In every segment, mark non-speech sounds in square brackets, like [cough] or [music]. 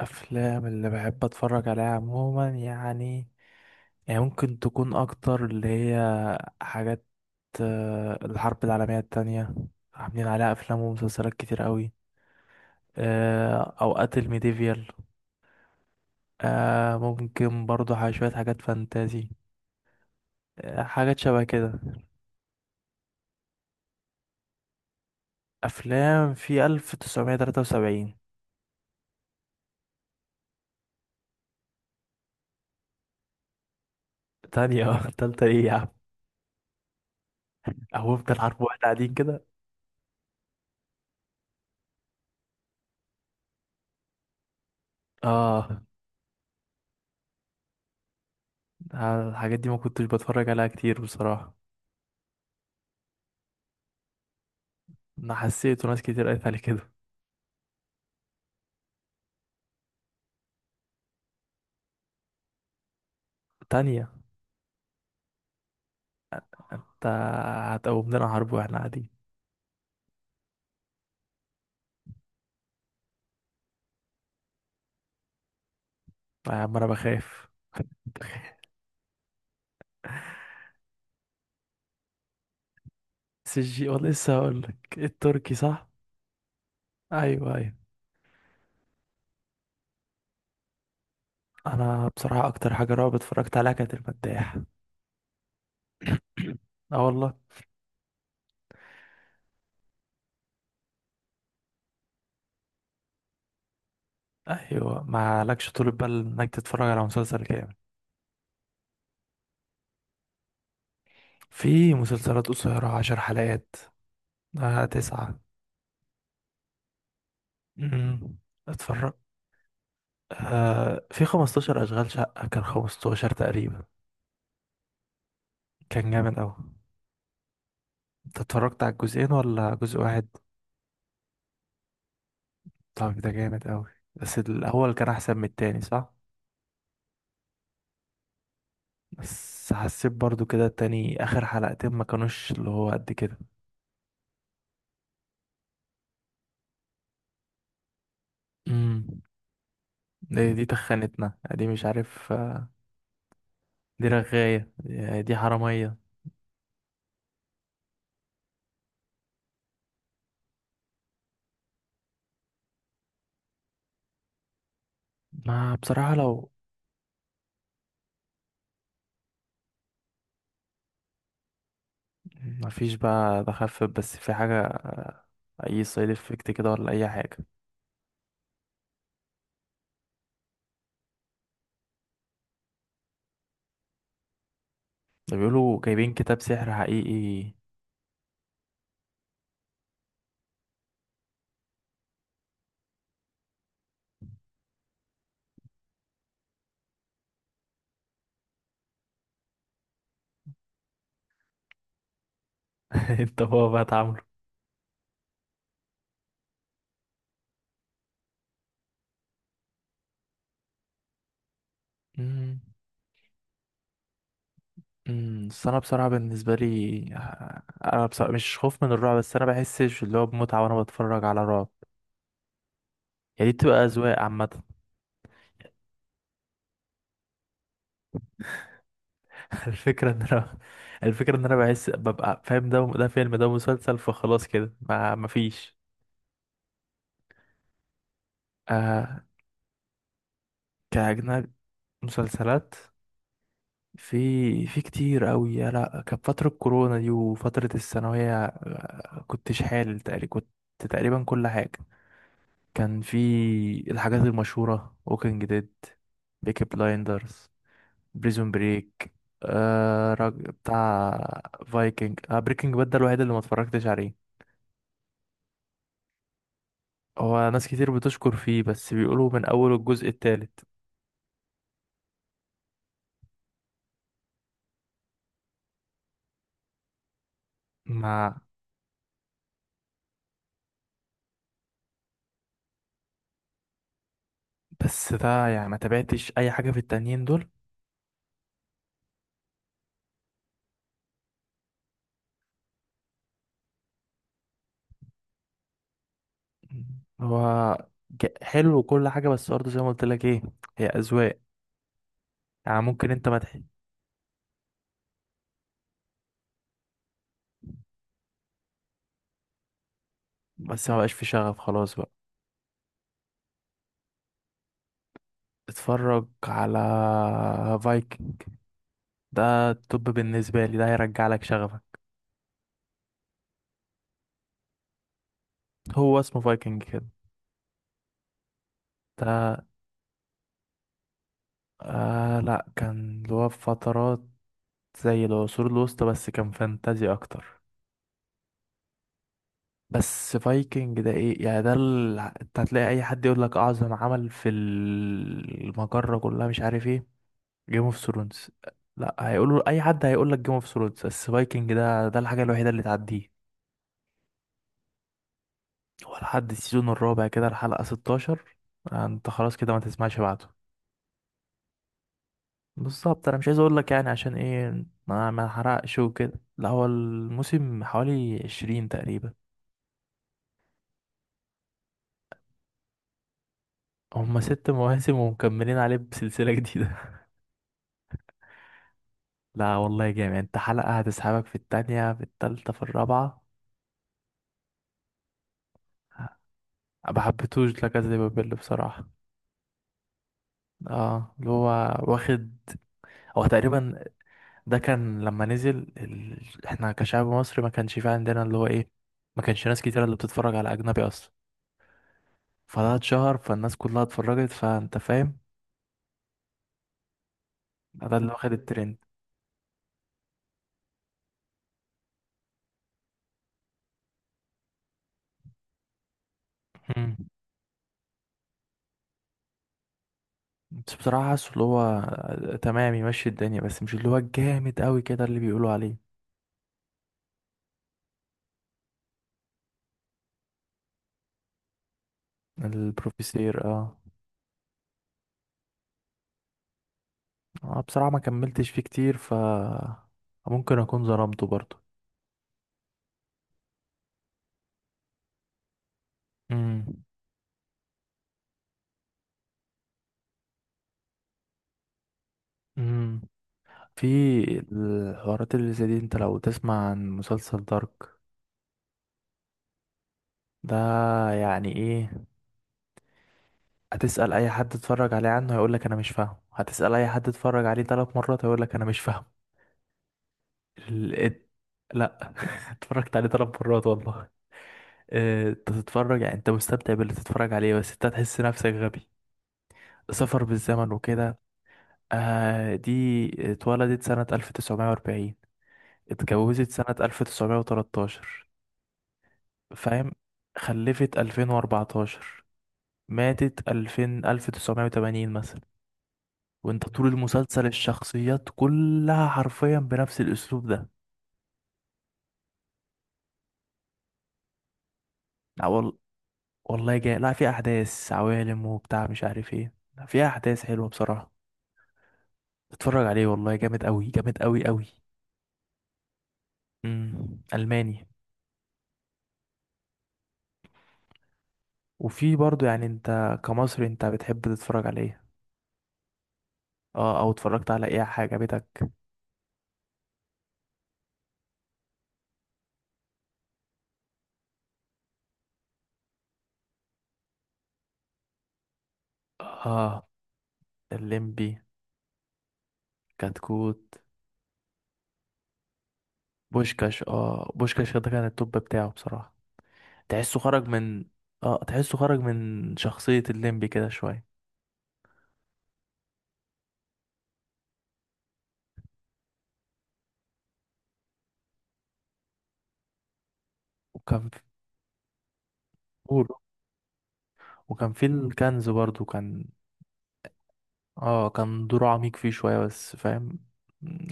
افلام اللي بحب اتفرج عليها عموما يعني ممكن تكون اكتر اللي هي حاجات. الحرب العالمية التانية عاملين عليها افلام ومسلسلات كتير قوي. اوقات الميديفيال. ممكن برضو شوية حاجات فانتازي. حاجات شبه كده. افلام في 1973. تانية. [laughs] تالتة ايه يا عم؟ هو افضل حرب واحد قاعدين كده. اه. الحاجات دي ما كنتش بتفرج عليها كتير بصراحة. انا حسيت وناس كتير قالت علي كده. تانية. انت هتقوم لنا حرب واحنا قاعدين؟ يا عم انا بخاف. والله لسه هقول لك التركي صح. ايوه، ايوه. انا بصراحه اكتر حاجه رعب اتفرجت عليها كانت المداح. اه والله. ايوه، ما لكش طول بال انك تتفرج على مسلسل كامل. في مسلسلات قصيره 10 حلقات. 9. امم. اتفرج. في 15 اشغال شقه، كان 15 تقريبا. كان جامد قوي. انت اتفرجت على الجزئين ولا جزء واحد؟ طب ده جامد قوي. بس الاول كان احسن من التاني صح؟ بس حسيت برضو كده التاني اخر حلقتين ما كانوش اللي هو قد كده. امم. دي تخنتنا، دي مش عارف، دي رغاية، دي حرامية. ما بصراحة لو ما فيش بقى تخفف بس في حاجة. اي سايد افكت كده ولا اي حاجة؟ ده بيقولوا جايبين كتاب سحر حقيقي. [laughs] انت هو بقى. تعامله. امم. بس انا بصراحه بالنسبه لي، انا بصراحة مش خوف من الرعب بس انا بحسش اللي هو بمتعه وانا بتفرج على رعب. يعني دي بتبقى اذواق عامه. [laughs] الفكره ان انا الفكره ان انا بحس ببقى فاهم ده فيلم ده مسلسل فخلاص كده ما مفيش. آه. كأجنبي. مسلسلات. في كتير قوي يا لا، كانت فتره كورونا دي وفتره الثانويه، كنت شحال تقريبا. كنت تقريبا كل حاجه. كان في الحاجات المشهورة: ووكينج ديد، بيكي بلايندرز، بريزون بريك، بتاع فايكنج، بريكنج باد ده الوحيد اللي ما اتفرجتش عليه. هو ناس كتير بتشكر فيه بس بيقولوا من اول الجزء التالت. ما بس ده يعني ما تابعتش اي حاجة في التانيين دول. هو حلو وكل حاجة بس برضه زي ما قلت لك ايه، هي اذواق. يعني ممكن انت ما تح... بس ما بقاش في شغف خلاص بقى. اتفرج على فايكنج. ده الطب بالنسبة لي ده هيرجع لك شغفك. هو اسمه فايكنج كده. ده لا، كان اللي هو في فترات زي العصور الوسطى بس كان فانتازي اكتر. بس فايكنج ده ايه يعني انت هتلاقي اي حد يقول لك اعظم عمل في المجرة كلها مش عارف ايه. جيم اوف ثرونز. لا، هيقولوا اي حد هيقول لك جيم اوف ثرونز بس فايكنج ده الحاجة الوحيدة اللي تعديه. هو لحد السيزون الرابع كده الحلقة 16، انت خلاص كده ما تسمعش بعده. بالظبط. انا مش عايز اقول لك يعني عشان ايه ما حرقش وكده. لا هو الموسم حوالي 20 تقريبا. هما 6 [laughs] مواسم ومكملين عليه بسلسلة جديدة. [laughs] لا والله جامد، انت حلقة هتسحبك في التانية في التالتة في الرابعة. ما حبيتهوش لا كاسا دي بابيل بصراحة. اه، اللي هو واخد. هو تقريبا ده كان لما نزل احنا كشعب مصري ما كانش في عندنا اللي هو ايه، ما كانش ناس كتير اللي بتتفرج على اجنبي اصلا. فده اتشهر فالناس كلها اتفرجت فانت فاهم. ده اللي واخد الترند. مم. بس بصراحة حاسه اللي هو، تمام يمشي الدنيا بس مش اللي هو الجامد قوي كده اللي بيقولوا عليه. البروفيسير، اه. بصراحة ما كملتش فيه كتير ف ممكن اكون ظلمته برضه. امم. امم. في الحوارات اللي زي دي انت لو تسمع عن مسلسل دارك. ده يعني ايه، هتسأل اي حد اتفرج عليه عنه هيقولك انا مش فاهم، هتسأل اي حد اتفرج عليه 3 مرات هيقولك انا مش فاهم. ال... ات- لا. [laughs] اتفرجت عليه 3 مرات والله. انت تتفرج يعني انت مستمتع باللي تتفرج عليه بس انت هتحس نفسك غبي. سفر بالزمن وكده. دي اتولدت سنة 1940، اتجوزت سنة 1913، فاهم، خلفت 2014، ماتت 2000 1980 مثلا. وانت طول المسلسل الشخصيات كلها حرفيا بنفس الاسلوب. ده والله جاي لا في احداث عوالم وبتاع مش عارف ايه، لا، في احداث حلوه بصراحه. اتفرج عليه والله جامد قوي، جامد قوي قوي. امم. الماني. وفي برضو يعني انت كمصري انت بتحب تتفرج على ايه؟ اه، او اتفرجت على ايه حاجه بتك؟ اه، الليمبي. كتكوت. بوشكاش. اه بوشكاش ده كان التوب بتاعه بصراحه. تحسه خرج من. اه تحسه خرج من شخصيه الليمبي كده شويه. وكان في... قول. وكان في الكنز برضو كان. اه كان دوره عميق فيه شوية بس فاهم.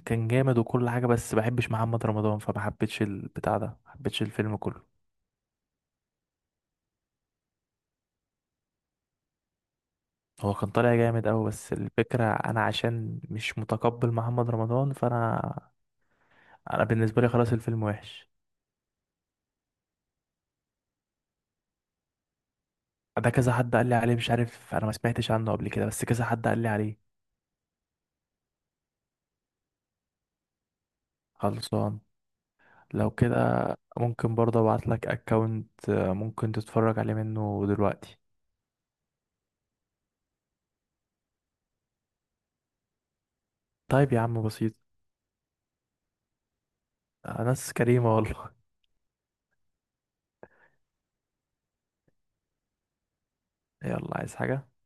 كان جامد وكل حاجة بس بحبش محمد رمضان فما حبيتش البتاع ده، ما حبيتش الفيلم كله. هو كان طالع جامد أوي بس الفكرة أنا عشان مش متقبل محمد رمضان فأنا، أنا بالنسبة لي خلاص الفيلم وحش. ده كذا حد قال لي عليه مش عارف، أنا ما سمعتش عنه قبل كده بس كذا حد قال لي عليه. خلصان. لو كده ممكن برضه ابعتلك اكونت ممكن تتفرج عليه منه دلوقتي. طيب يا عم بسيط. ناس كريمة والله. [laughs] يلا، عايز حاجة؟